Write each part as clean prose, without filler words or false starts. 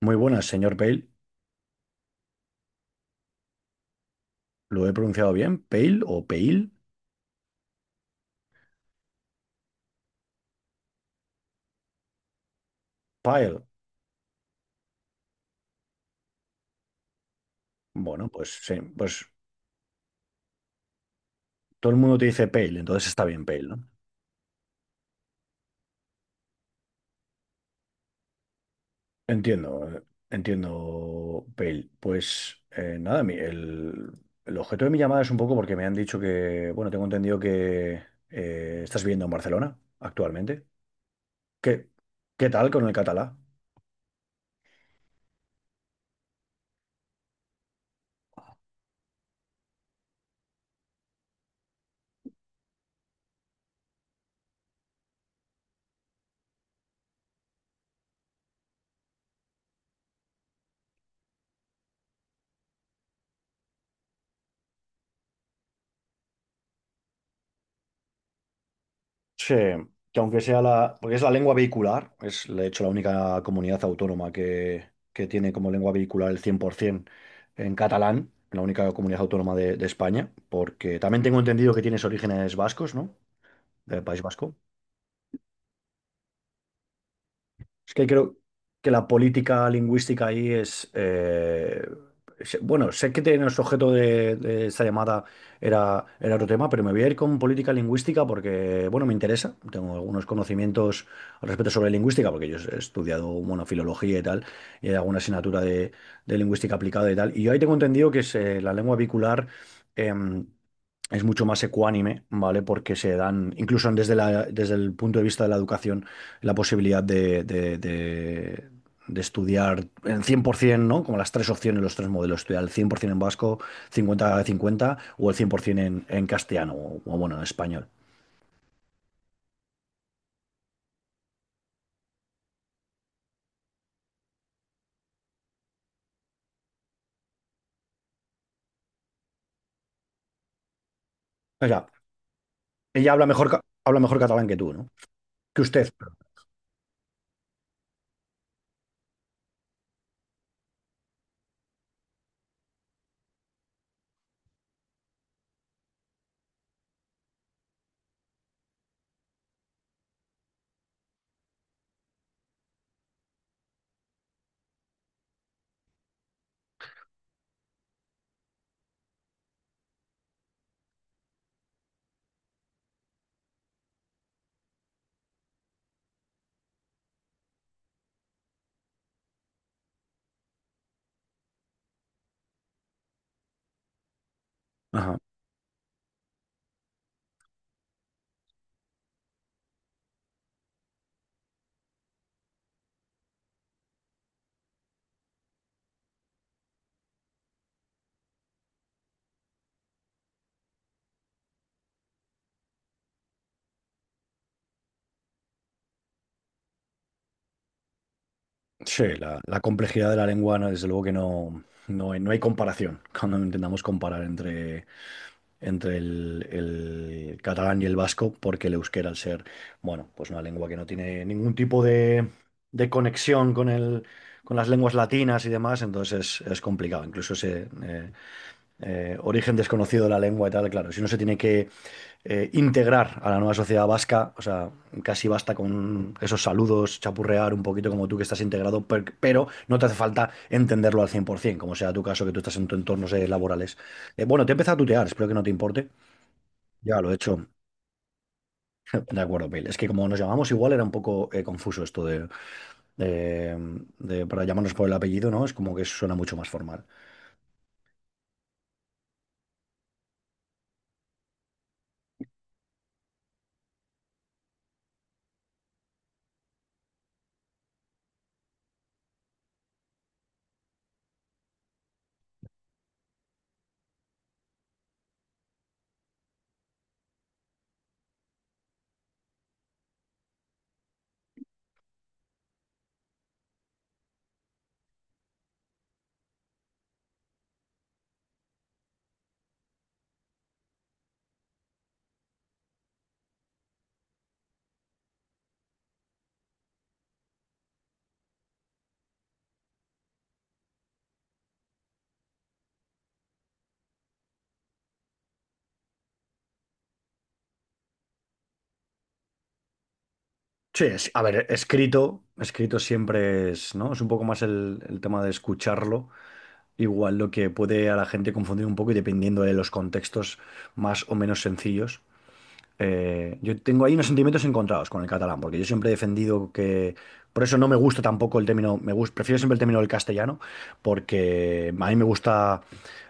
Muy buenas, señor Pale. ¿Lo he pronunciado bien? ¿Pale o Pale? Pale. Bueno, pues sí, pues todo el mundo te dice Pale, entonces está bien Pale, ¿no? Entiendo, eh, Entiendo, Pale. Pues nada, el objeto de mi llamada es un poco porque me han dicho que, bueno, tengo entendido que estás viviendo en Barcelona actualmente. ¿Qué, ¿qué tal con el catalá? Sí, que aunque sea porque es la lengua vehicular, es de hecho la única comunidad autónoma que tiene como lengua vehicular el 100% en catalán, la única comunidad autónoma de España, porque también tengo entendido que tienes orígenes vascos, ¿no? Del País Vasco. Es que creo que la política lingüística ahí es... bueno, sé que tiene el objeto de esta llamada era otro tema, pero me voy a ir con política lingüística porque, bueno, me interesa. Tengo algunos conocimientos al respecto sobre lingüística, porque yo he estudiado, bueno, filología y tal, y hay alguna asignatura de lingüística aplicada y tal. Y yo ahí tengo entendido que es, la lengua bicular... em, es mucho más ecuánime, ¿vale? Porque se dan, incluso desde desde el punto de vista de la educación la posibilidad de estudiar en 100%, ¿no? Como las tres opciones, los tres modelos, estudiar el 100% en vasco, 50 cincuenta o el 100% en castellano bueno, en español. O sea, ella habla mejor, habla mejor catalán que tú, ¿no? Que usted. Ajá. Sí, la complejidad de la lengua, no, desde luego que no hay comparación cuando intentamos comparar entre entre el catalán y el vasco, porque el euskera, al ser, bueno, pues una lengua que no tiene ningún tipo de conexión con con las lenguas latinas y demás, entonces es complicado. Incluso se, origen desconocido de la lengua y tal, claro, si uno se tiene que integrar a la nueva sociedad vasca, o sea, casi basta con esos saludos, chapurrear un poquito como tú que estás integrado, pero no te hace falta entenderlo al 100%, como sea tu caso, que tú estás en tu entornos laborales. Bueno, te he empezado a tutear, espero que no te importe. Ya lo he hecho. De acuerdo, Bill. Es que como nos llamamos igual era un poco confuso esto de, de- para llamarnos por el apellido, ¿no? Es como que suena mucho más formal. Sí, a ver, escrito, escrito siempre es, ¿no? Es un poco más el tema de escucharlo. Igual lo que puede a la gente confundir un poco y dependiendo de los contextos más o menos sencillos. Yo tengo ahí unos sentimientos encontrados con el catalán, porque yo siempre he defendido que. Por eso no me gusta tampoco el término. Prefiero siempre el término del castellano, porque a mí me gusta,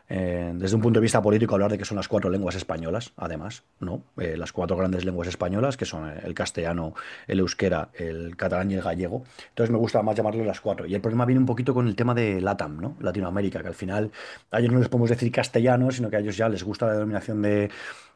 desde un punto de vista político, hablar de que son las cuatro lenguas españolas, además, ¿no? Las cuatro grandes lenguas españolas, que son el castellano, el euskera, el catalán y el gallego. Entonces me gusta más llamarlo las cuatro. Y el problema viene un poquito con el tema de LATAM, ¿no? Latinoamérica, que al final a ellos no les podemos decir castellano, sino que a ellos ya les gusta la denominación de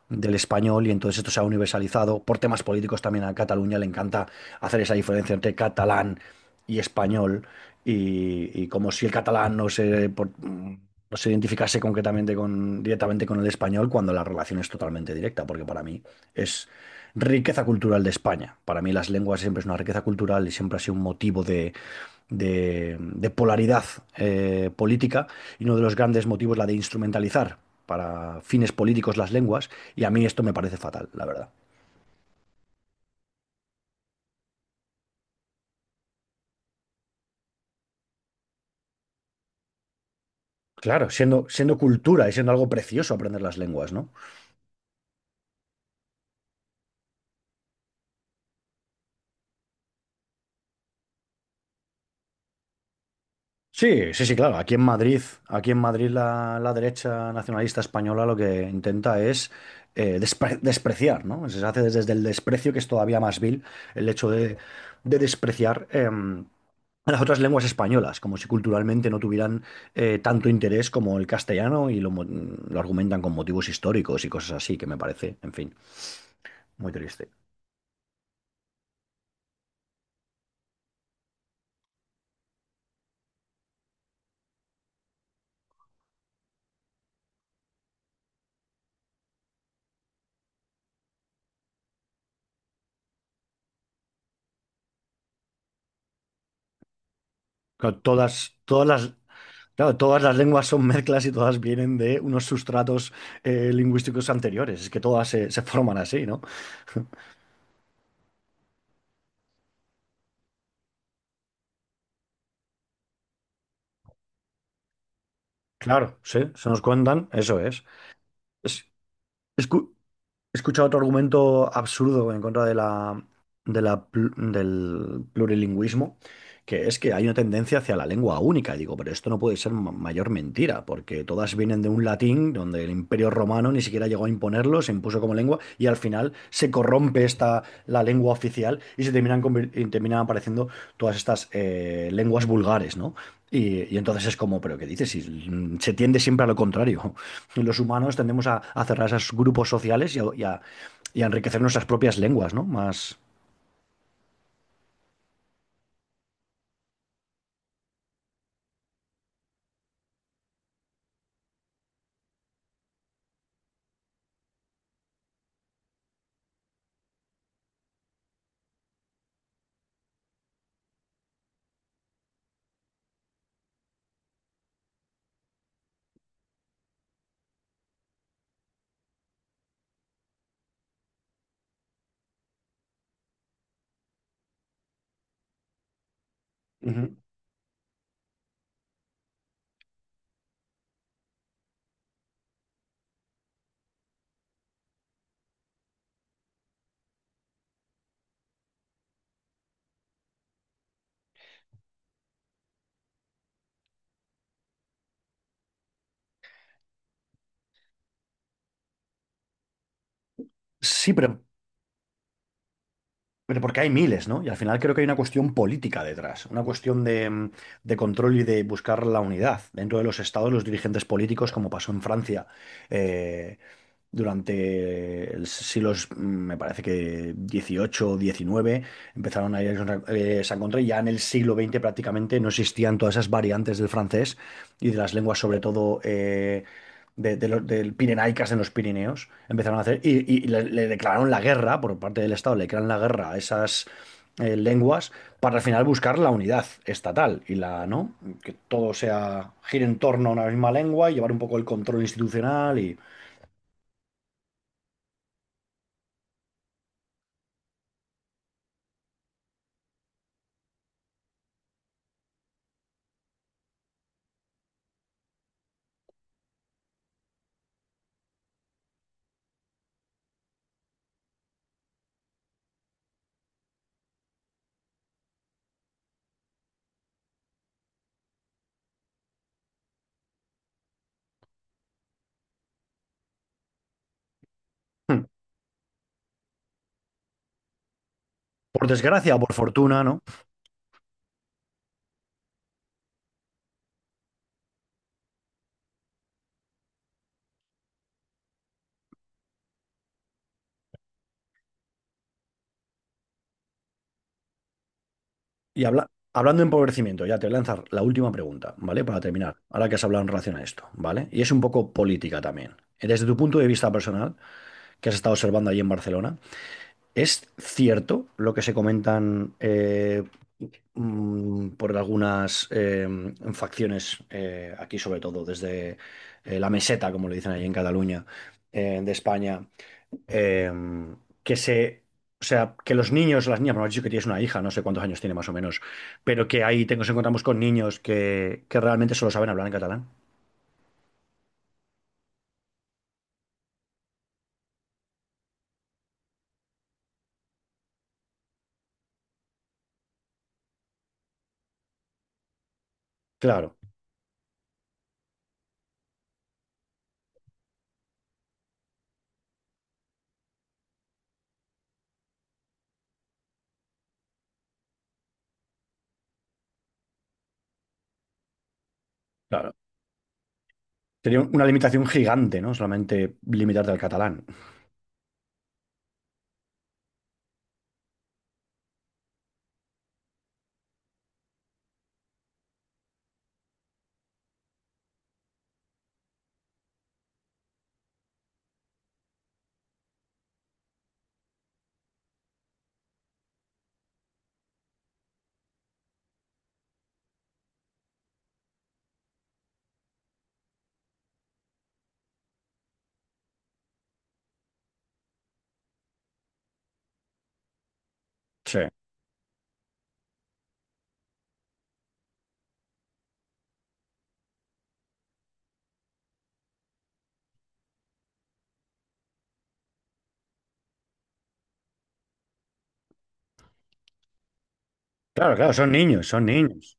del español y entonces esto se ha universalizado. Por temas políticos también a Cataluña le encanta hacer esa diferencia entre catalán y español y como si el catalán no se, no se identificase concretamente con, directamente con el español cuando la relación es totalmente directa, porque para mí es riqueza cultural de España. Para mí las lenguas siempre es una riqueza cultural y siempre ha sido un motivo de, de polaridad política y uno de los grandes motivos la de instrumentalizar para fines políticos las lenguas y a mí esto me parece fatal, la verdad. Claro, siendo, siendo cultura y siendo algo precioso aprender las lenguas, ¿no? Sí, sí, sí, claro. Aquí en Madrid la derecha nacionalista española lo que intenta es despreciar, ¿no? Se hace desde desde el desprecio, que es todavía más vil, el hecho de despreciar a las otras lenguas españolas, como si culturalmente no tuvieran tanto interés como el castellano y lo, lo argumentan con motivos históricos y cosas así, que me parece, en fin, muy triste. Claro, claro, todas las lenguas son mezclas y todas vienen de unos sustratos lingüísticos anteriores. Es que todas se, se forman así, ¿no? Claro, sí, se nos cuentan, eso es. Es- escu- he escuchado otro argumento absurdo en contra de de la del plurilingüismo, que es que hay una tendencia hacia la lengua única. Digo, pero esto no puede ser mayor mentira, porque todas vienen de un latín donde el Imperio Romano ni siquiera llegó a imponerlo, se impuso como lengua y al final se corrompe esta la lengua oficial y se terminan terminan apareciendo todas estas lenguas vulgares, ¿no? Y entonces es como, pero ¿qué dices? Si, se tiende siempre a lo contrario. Los humanos tendemos a cerrar esos grupos sociales y a enriquecer nuestras propias lenguas, ¿no? Más, Ujú. Sí, pero Pero porque hay miles, ¿no? Y al final creo que hay una cuestión política detrás, una cuestión de, de control y de buscar la unidad dentro de los estados, los dirigentes políticos, como pasó en Francia eh, durante el siglos, me parece que 18 o 19 empezaron a irse se encontró y ya en el siglo XX prácticamente no existían todas esas variantes del francés y de las lenguas, sobre todo. De los, del Pirenaicas en los Pirineos, empezaron a hacer, le declararon la guerra, por parte del Estado, le declararon la guerra a esas lenguas, para al final buscar la unidad estatal y la, ¿no? Que todo sea, gire en torno a una misma lengua y llevar un poco el control institucional y, por desgracia o por fortuna, ¿no? Y hablando de empobrecimiento, ya te voy a lanzar la última pregunta, ¿vale? Para terminar, ahora que has hablado en relación a esto, ¿vale? Y es un poco política también. Desde tu punto de vista personal, que has estado observando allí en Barcelona, ¿es cierto lo que se comentan por algunas facciones, aquí sobre todo, desde la meseta, como le dicen allí en Cataluña, de España? eh, que se, o sea, que los niños, las niñas, bueno, has dicho que tienes una hija, no sé cuántos años tiene más o menos, pero que ahí nos encontramos con niños que realmente solo saben hablar en catalán. Claro, claro. Sería una limitación gigante, ¿no? Solamente limitarte al catalán. Sí. Claro, claro, son niños, son niños.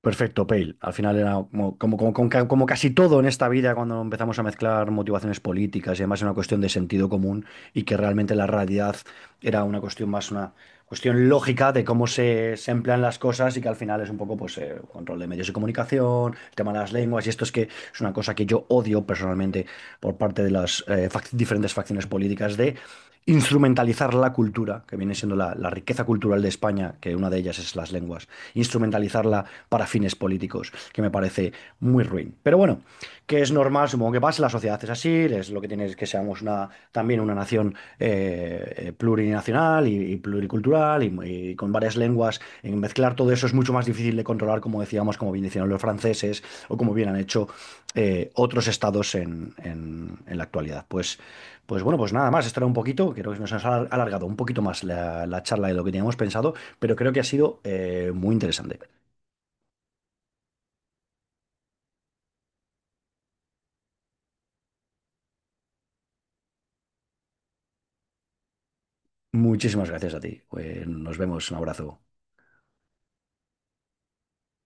Perfecto, Pale. Al final era como, como casi todo en esta vida cuando empezamos a mezclar motivaciones políticas y además era una cuestión de sentido común y que realmente la realidad era una cuestión más, una cuestión lógica de cómo se, se emplean las cosas y que al final es un poco pues control de medios de comunicación, el tema de las lenguas y esto es que es una cosa que yo odio personalmente por parte de las diferentes facciones políticas de instrumentalizar la cultura, que viene siendo la la riqueza cultural de España España, que una de ellas es las lenguas, instrumentalizarla para fines políticos, que me parece muy ruin. Pero bueno, que es normal, supongo que pasa, la sociedad es así, es lo que tiene es que seamos una, también una nación plurinacional y pluricultural y con varias lenguas. En mezclar todo eso es mucho más difícil de controlar, como decíamos, como bien decían los franceses o como bien han hecho otros estados en, en la actualidad. Pues, pues bueno, pues nada más, esto era un poquito, creo que nos ha alargado un poquito más la charla de lo que teníamos pensado, pero creo que ha sido muy interesante. Muchísimas gracias a ti. Nos vemos. Un abrazo.